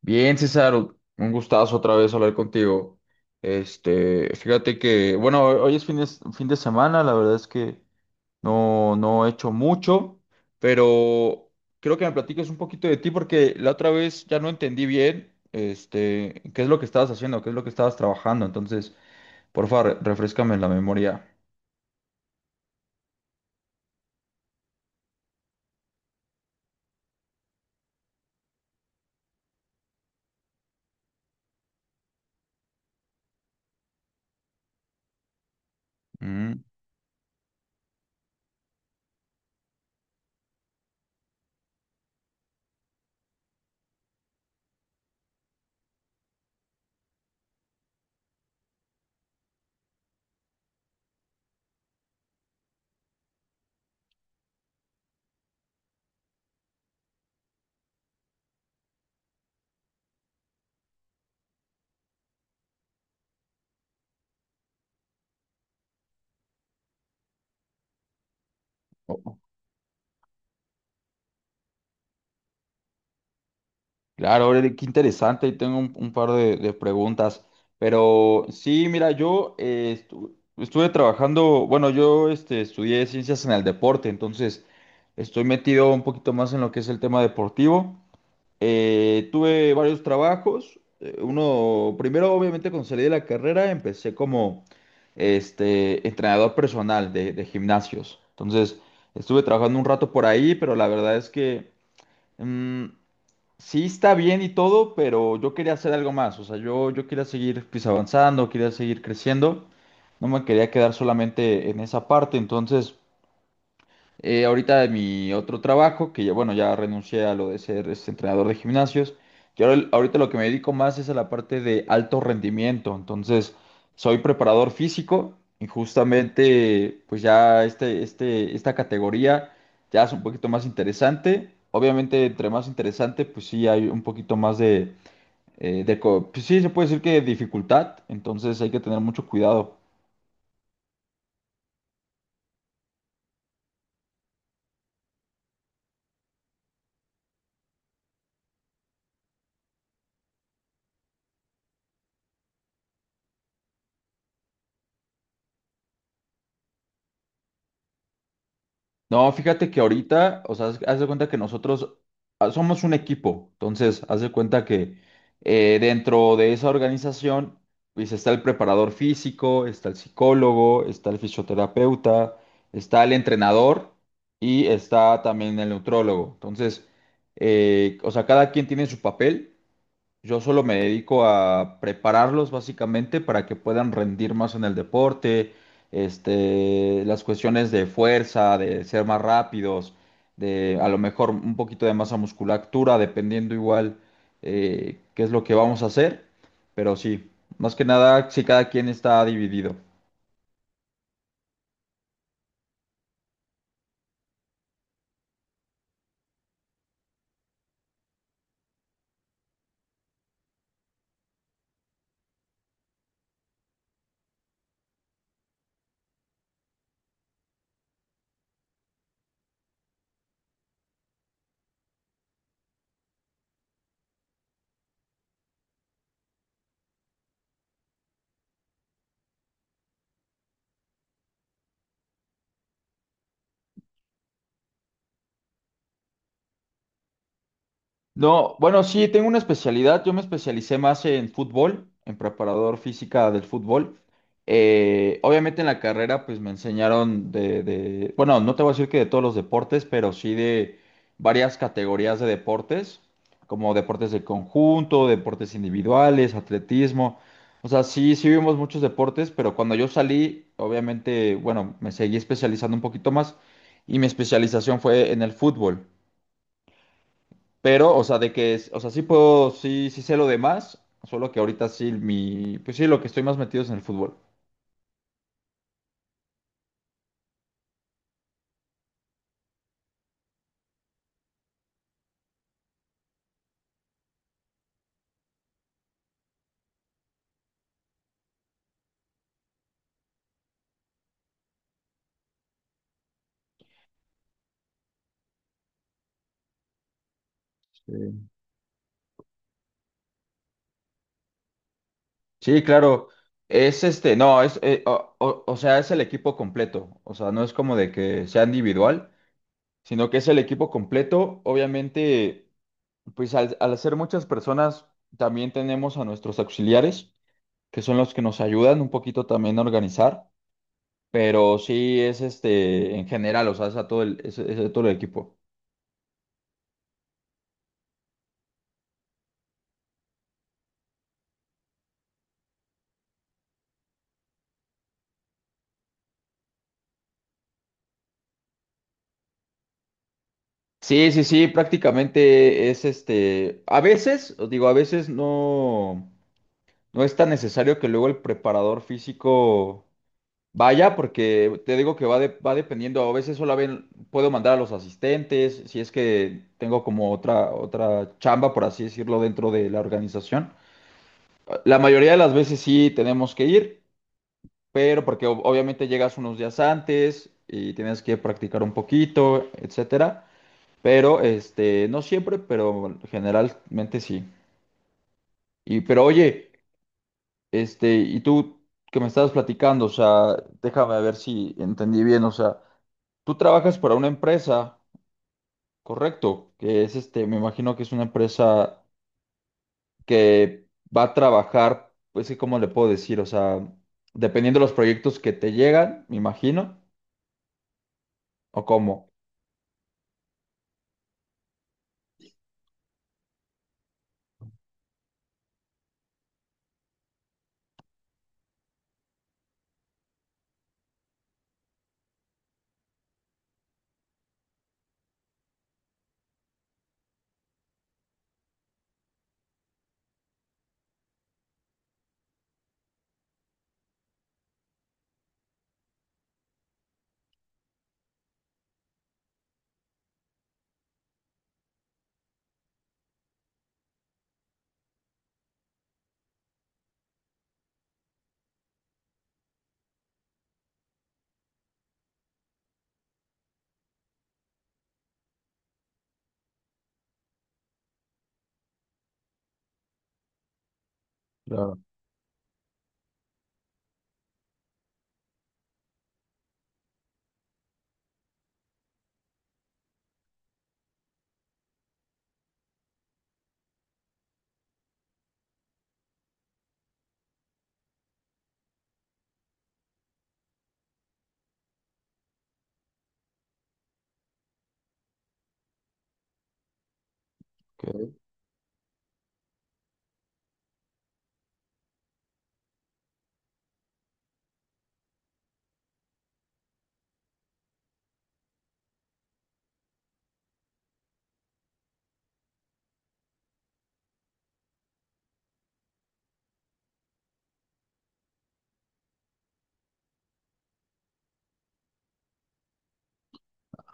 Bien, César, un gustazo otra vez hablar contigo. Este, fíjate que, bueno, hoy es fin de semana, la verdad es que no he hecho mucho, pero creo que me platiques un poquito de ti porque la otra vez ya no entendí bien, este, qué es lo que estabas haciendo, qué es lo que estabas trabajando. Entonces, por favor, refréscame la memoria. Mm. Claro, Aureli, qué interesante. Y tengo un par de preguntas. Pero sí, mira, yo estuve trabajando, bueno, yo este, estudié ciencias en el deporte, entonces estoy metido un poquito más en lo que es el tema deportivo. Tuve varios trabajos. Uno, primero, obviamente, cuando salí de la carrera, empecé como este, entrenador personal de gimnasios. Entonces, estuve trabajando un rato por ahí, pero la verdad es que... mm, sí, está bien y todo, pero yo quería hacer algo más. O sea, yo quería seguir pues, avanzando, quería seguir creciendo. No me quería quedar solamente en esa parte. Entonces, ahorita de mi otro trabajo, que ya, bueno, ya renuncié a lo de ser este, entrenador de gimnasios, y ahorita lo que me dedico más es a la parte de alto rendimiento. Entonces, soy preparador físico y justamente, pues ya este, esta categoría ya es un poquito más interesante. Obviamente, entre más interesante, pues sí hay un poquito más de, pues sí, se puede decir que dificultad, entonces hay que tener mucho cuidado. No, fíjate que ahorita, o sea, haz de cuenta que nosotros somos un equipo, entonces haz de cuenta que dentro de esa organización, pues está el preparador físico, está el psicólogo, está el fisioterapeuta, está el entrenador y está también el neutrólogo. Entonces, o sea, cada quien tiene su papel. Yo solo me dedico a prepararlos básicamente para que puedan rendir más en el deporte, este, las cuestiones de fuerza, de ser más rápidos, de a lo mejor un poquito de masa musculatura, dependiendo igual qué es lo que vamos a hacer. Pero sí, más que nada, si cada quien está dividido. No, bueno, sí, tengo una especialidad. Yo me especialicé más en fútbol, en preparador física del fútbol. Obviamente en la carrera, pues me enseñaron bueno, no te voy a decir que de todos los deportes, pero sí de varias categorías de deportes, como deportes de conjunto, deportes individuales, atletismo. O sea, sí vimos muchos deportes, pero cuando yo salí, obviamente, bueno, me seguí especializando un poquito más y mi especialización fue en el fútbol. Pero, o sea, de que, o sea, sí puedo, sí sé lo demás, solo que ahorita sí mi, pues sí, lo que estoy más metido es en el fútbol. Sí. Sí, claro. Es este, no, o sea, es el equipo completo. O sea, no es como de que sea individual, sino que es el equipo completo. Obviamente, pues al ser muchas personas, también tenemos a nuestros auxiliares, que son los que nos ayudan un poquito también a organizar. Pero sí es este, en general, o sea, es a todo el, es a todo el equipo. Sí, sí, sí, prácticamente es este, a veces, os digo, a veces no, no es tan necesario que luego el preparador físico vaya, porque te digo que va dependiendo, a veces puedo mandar a los asistentes, si es que tengo como otra, otra chamba, por así decirlo, dentro de la organización. La mayoría de las veces sí tenemos que ir, pero porque obviamente llegas unos días antes y tienes que practicar un poquito, etcétera. Pero, este, no siempre, pero generalmente sí. Y, pero oye, este, y tú que me estabas platicando, o sea, déjame ver si entendí bien, o sea, tú trabajas para una empresa, correcto, que es este, me imagino que es una empresa que va a trabajar, pues sí cómo le puedo decir, o sea, dependiendo de los proyectos que te llegan, me imagino, o cómo. Claro. Que...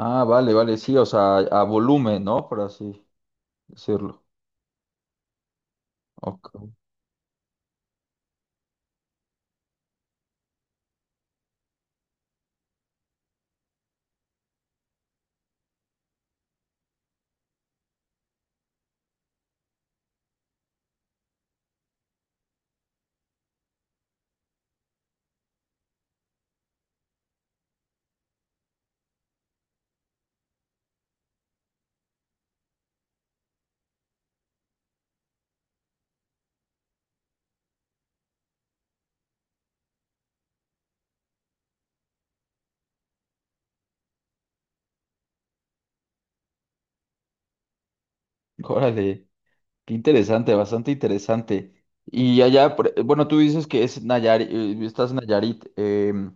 Ah, vale, vale, sí, o sea, a volumen, ¿no? Por así decirlo. Ok. Órale. Qué interesante, bastante interesante. Y allá, bueno, tú dices que es Nayarit, estás en Nayarit.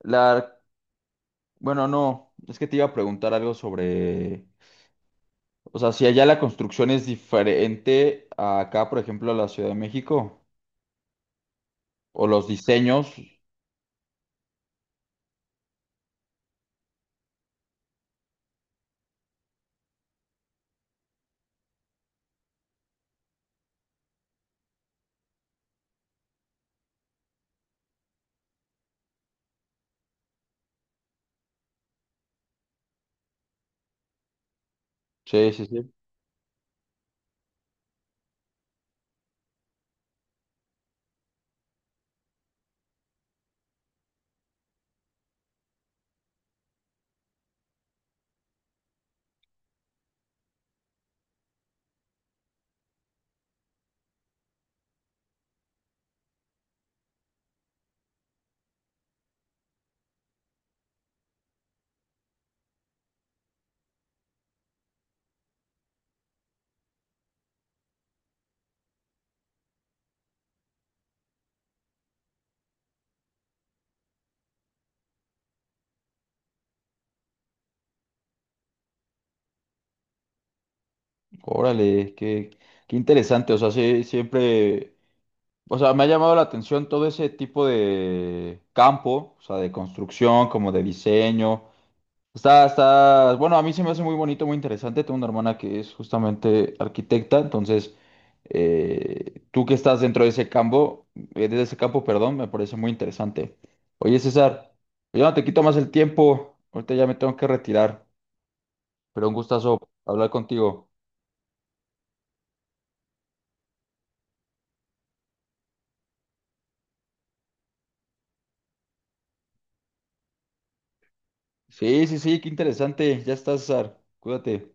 la, bueno, no, es que te iba a preguntar algo sobre, o sea, si allá la construcción es diferente a acá, por ejemplo, a la Ciudad de México, o los diseños. Sí, sí, sí. Órale, qué, qué interesante. O sea, sí, siempre, o sea, me ha llamado la atención todo ese tipo de campo, o sea, de construcción, como de diseño. Bueno, a mí se me hace muy bonito, muy interesante. Tengo una hermana que es justamente arquitecta, entonces tú que estás dentro de ese campo, perdón, me parece muy interesante. Oye, César, yo no te quito más el tiempo, ahorita ya me tengo que retirar, pero un gustazo hablar contigo. Sí, sí, sí, qué interesante, ya estás, César, cuídate.